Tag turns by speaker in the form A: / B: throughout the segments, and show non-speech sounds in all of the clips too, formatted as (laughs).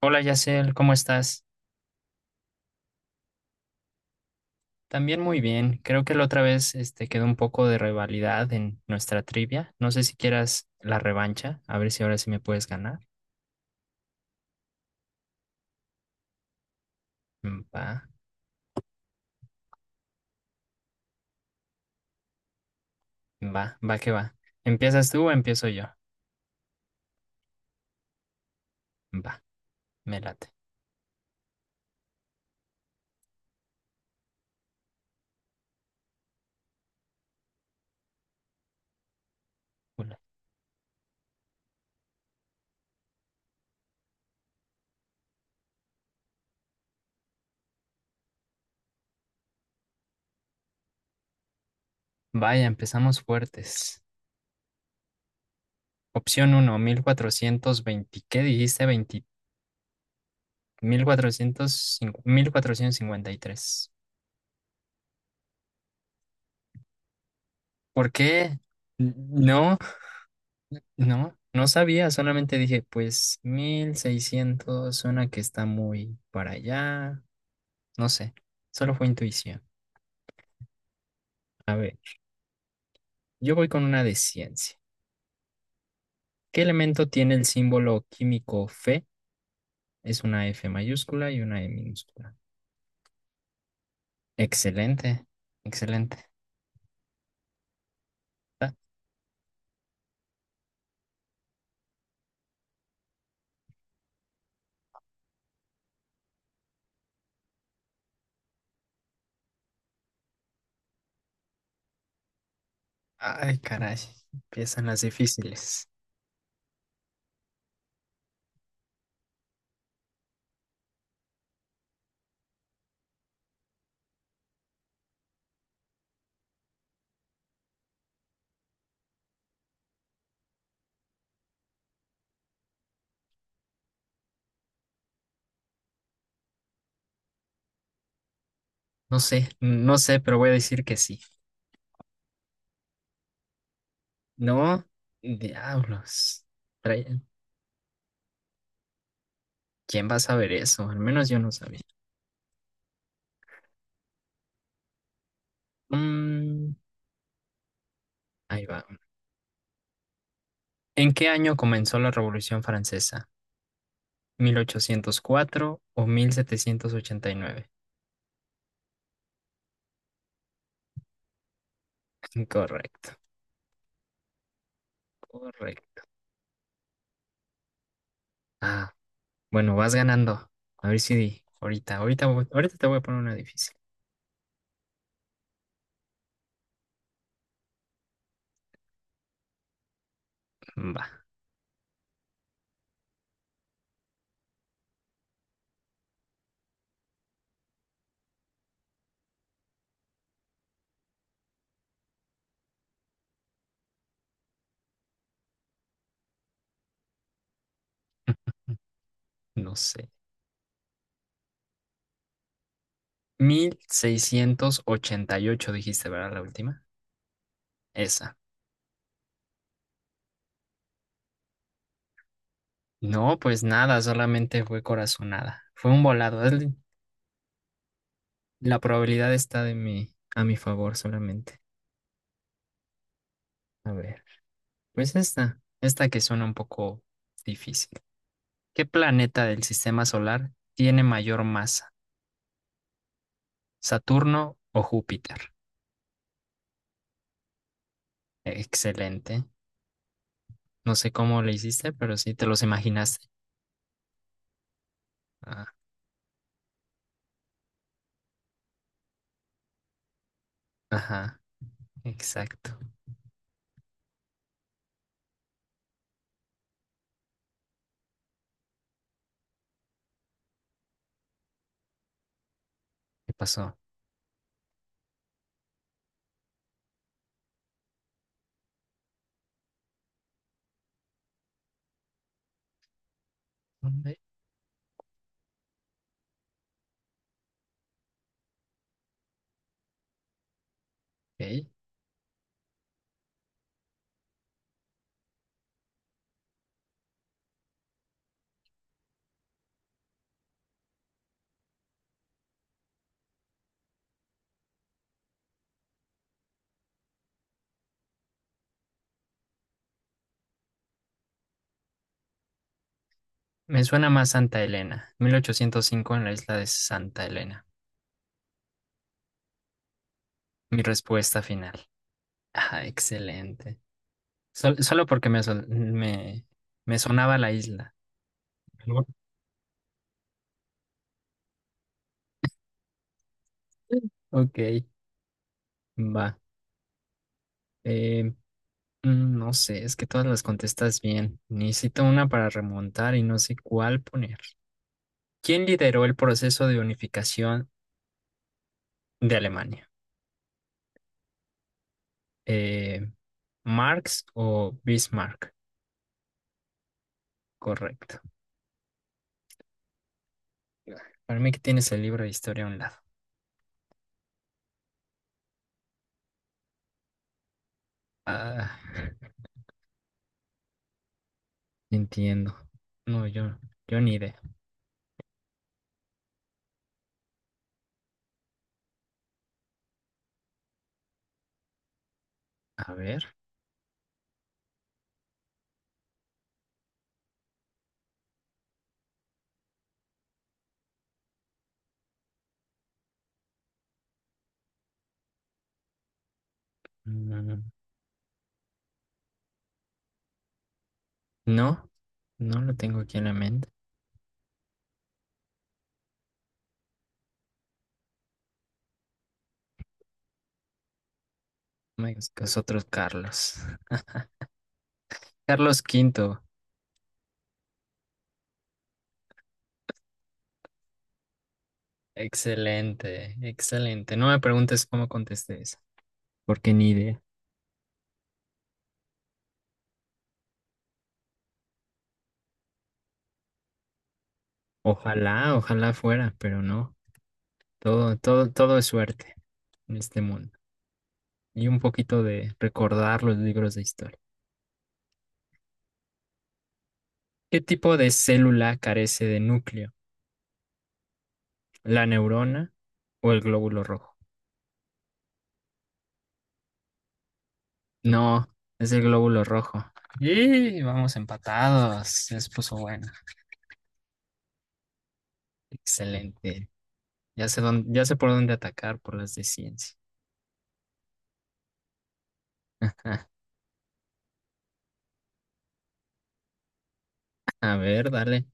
A: Hola Yacel, ¿cómo estás? También muy bien. Creo que la otra vez este, quedó un poco de rivalidad en nuestra trivia. No sé si quieras la revancha, a ver si ahora sí me puedes ganar. Mm, va, va, va que va. ¿Empiezas tú o empiezo yo? Va, me late. Ule. Vaya, empezamos fuertes. Opción uno, 1420. ¿Qué dijiste? Veinte, mil cuatrocientos cincuenta, 1453. ¿Por qué? No, no, no sabía, solamente dije, pues 1600 suena que está muy para allá, no sé, solo fue intuición. A ver, yo voy con una de ciencia. ¿Qué elemento tiene el símbolo químico Fe? Es una F mayúscula y una E minúscula. Excelente, excelente. Ah, ay, caray, empiezan las difíciles. No sé, no sé, pero voy a decir que sí. No, diablos. trae- ¿Quién va a saber eso? Al menos yo no sabía. Mm, Ahí va. ¿En qué año comenzó la Revolución Francesa? 1804 o 1789. (laughs) Correcto, correcto. Ah, bueno, vas ganando. A ver si ahorita, ahorita, ahorita te voy a poner una difícil. Va, (laughs) no sé. 1688, dijiste, ¿verdad? La última. Esa. No, pues nada, solamente fue corazonada. Fue un volado. La probabilidad está de mi, a mi favor solamente. A ver. Pues esta que suena un poco difícil. ¿Qué planeta del sistema solar tiene mayor masa? ¿Saturno o Júpiter? Excelente. No sé cómo lo hiciste, pero sí te los imaginaste. Ah, ajá, exacto. ¿Qué pasó? ¿Dónde? Ok. Me suena más Santa Elena, 1805 en la isla de Santa Elena. Mi respuesta final. Ajá, excelente. Solo porque me sonaba la isla. (laughs) Ok, va. Eh, no sé, es que todas las contestas bien. Necesito una para remontar y no sé cuál poner. ¿Quién lideró el proceso de unificación de Alemania? Eh, ¿Marx o Bismarck? Correcto. Para mí que tienes el libro de historia a un lado. Ah, (laughs) entiendo. No, yo ni idea. A ver. mm, No, no lo tengo aquí en la mente. No me digas que es otro Carlos. Carlos Quinto. Excelente, excelente. No me preguntes cómo contesté esa, porque ni idea. Ojalá, ojalá fuera, pero no. Todo, todo, todo es suerte en este mundo. Y un poquito de recordar los libros de historia. ¿Qué tipo de célula carece de núcleo? ¿La neurona o el glóbulo rojo? No, es el glóbulo rojo. Y vamos empatados. Se les puso buena. Excelente. Ya sé dónde, ya sé por dónde atacar por las de ciencia. (laughs) A ver, dale.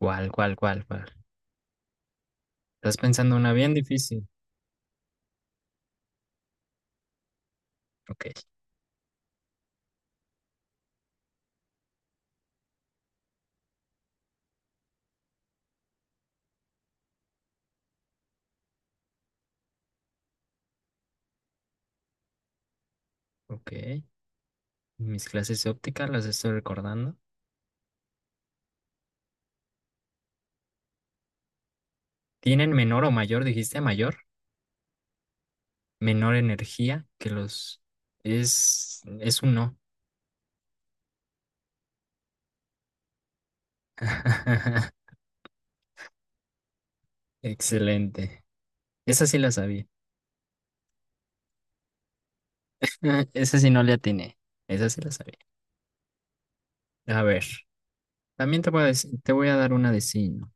A: ¿Cuál, cuál, cuál, cuál? Estás pensando una bien difícil. Ok, ok. Mis clases de óptica las estoy recordando. ¿Tienen menor o mayor, dijiste mayor? Menor energía que los... Es un no. (laughs) Excelente. Esa sí la sabía. (laughs) Esa sí no le atiné. Esa sí la sabía. A ver, también te voy a dar una de sí, y ¿no?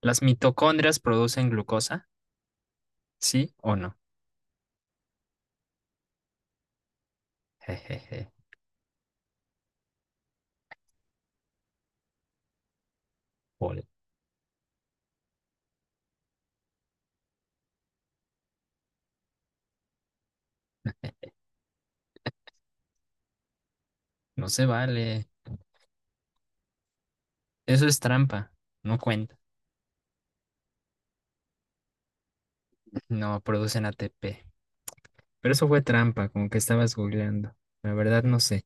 A: ¿Las mitocondrias producen glucosa? ¿Sí o no? (laughs) Jejeje. Ole, no se vale. Eso es trampa. No cuenta. No, producen ATP. Pero eso fue trampa, como que estabas googleando. La verdad no sé.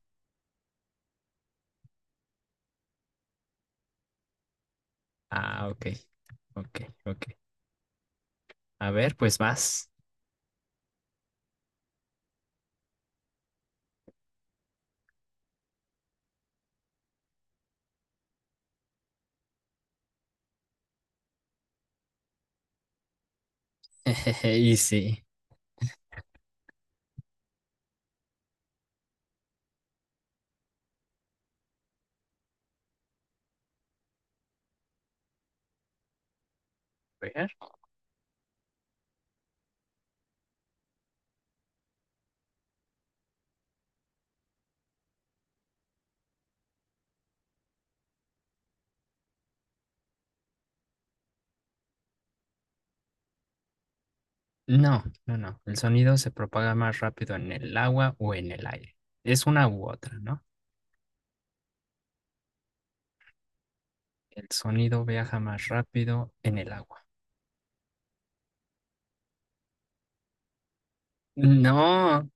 A: Ah, ok, ok, ok. A ver, pues vas. (laughs) Y sí. Ver. No, no, no. El sonido se propaga más rápido en el agua o en el aire. Es una u otra, ¿no? El sonido viaja más rápido en el agua. No,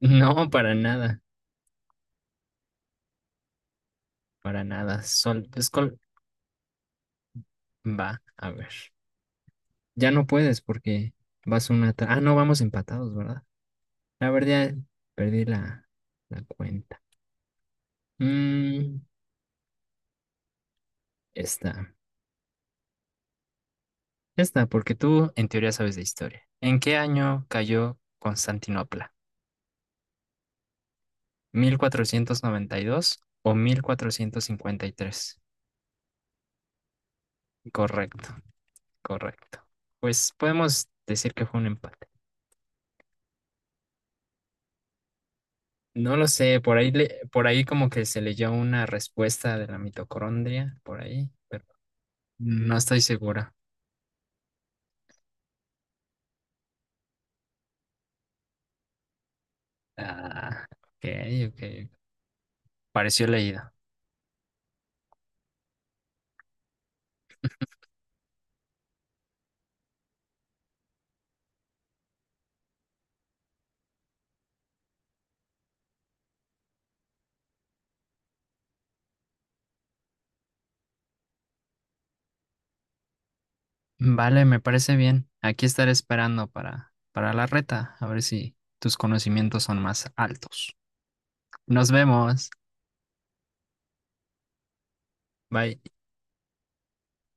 A: no, para nada, para nada. Va, a ver. Ya no puedes porque vas Ah, no, vamos empatados, ¿verdad? La verdad, perdí la cuenta. Mm, esta, esta, porque tú en teoría sabes de historia. ¿En qué año cayó Constantinopla? 1492 o 1453. Correcto, correcto. Pues podemos decir que fue un empate. No lo sé, por ahí, por ahí como que se leyó una respuesta de la mitocondria, por ahí, pero no estoy segura. Ah, ok, ok. Pareció leído. Vale, me parece bien. Aquí estaré esperando para la reta, a ver si tus conocimientos son más altos. Nos vemos. Bye.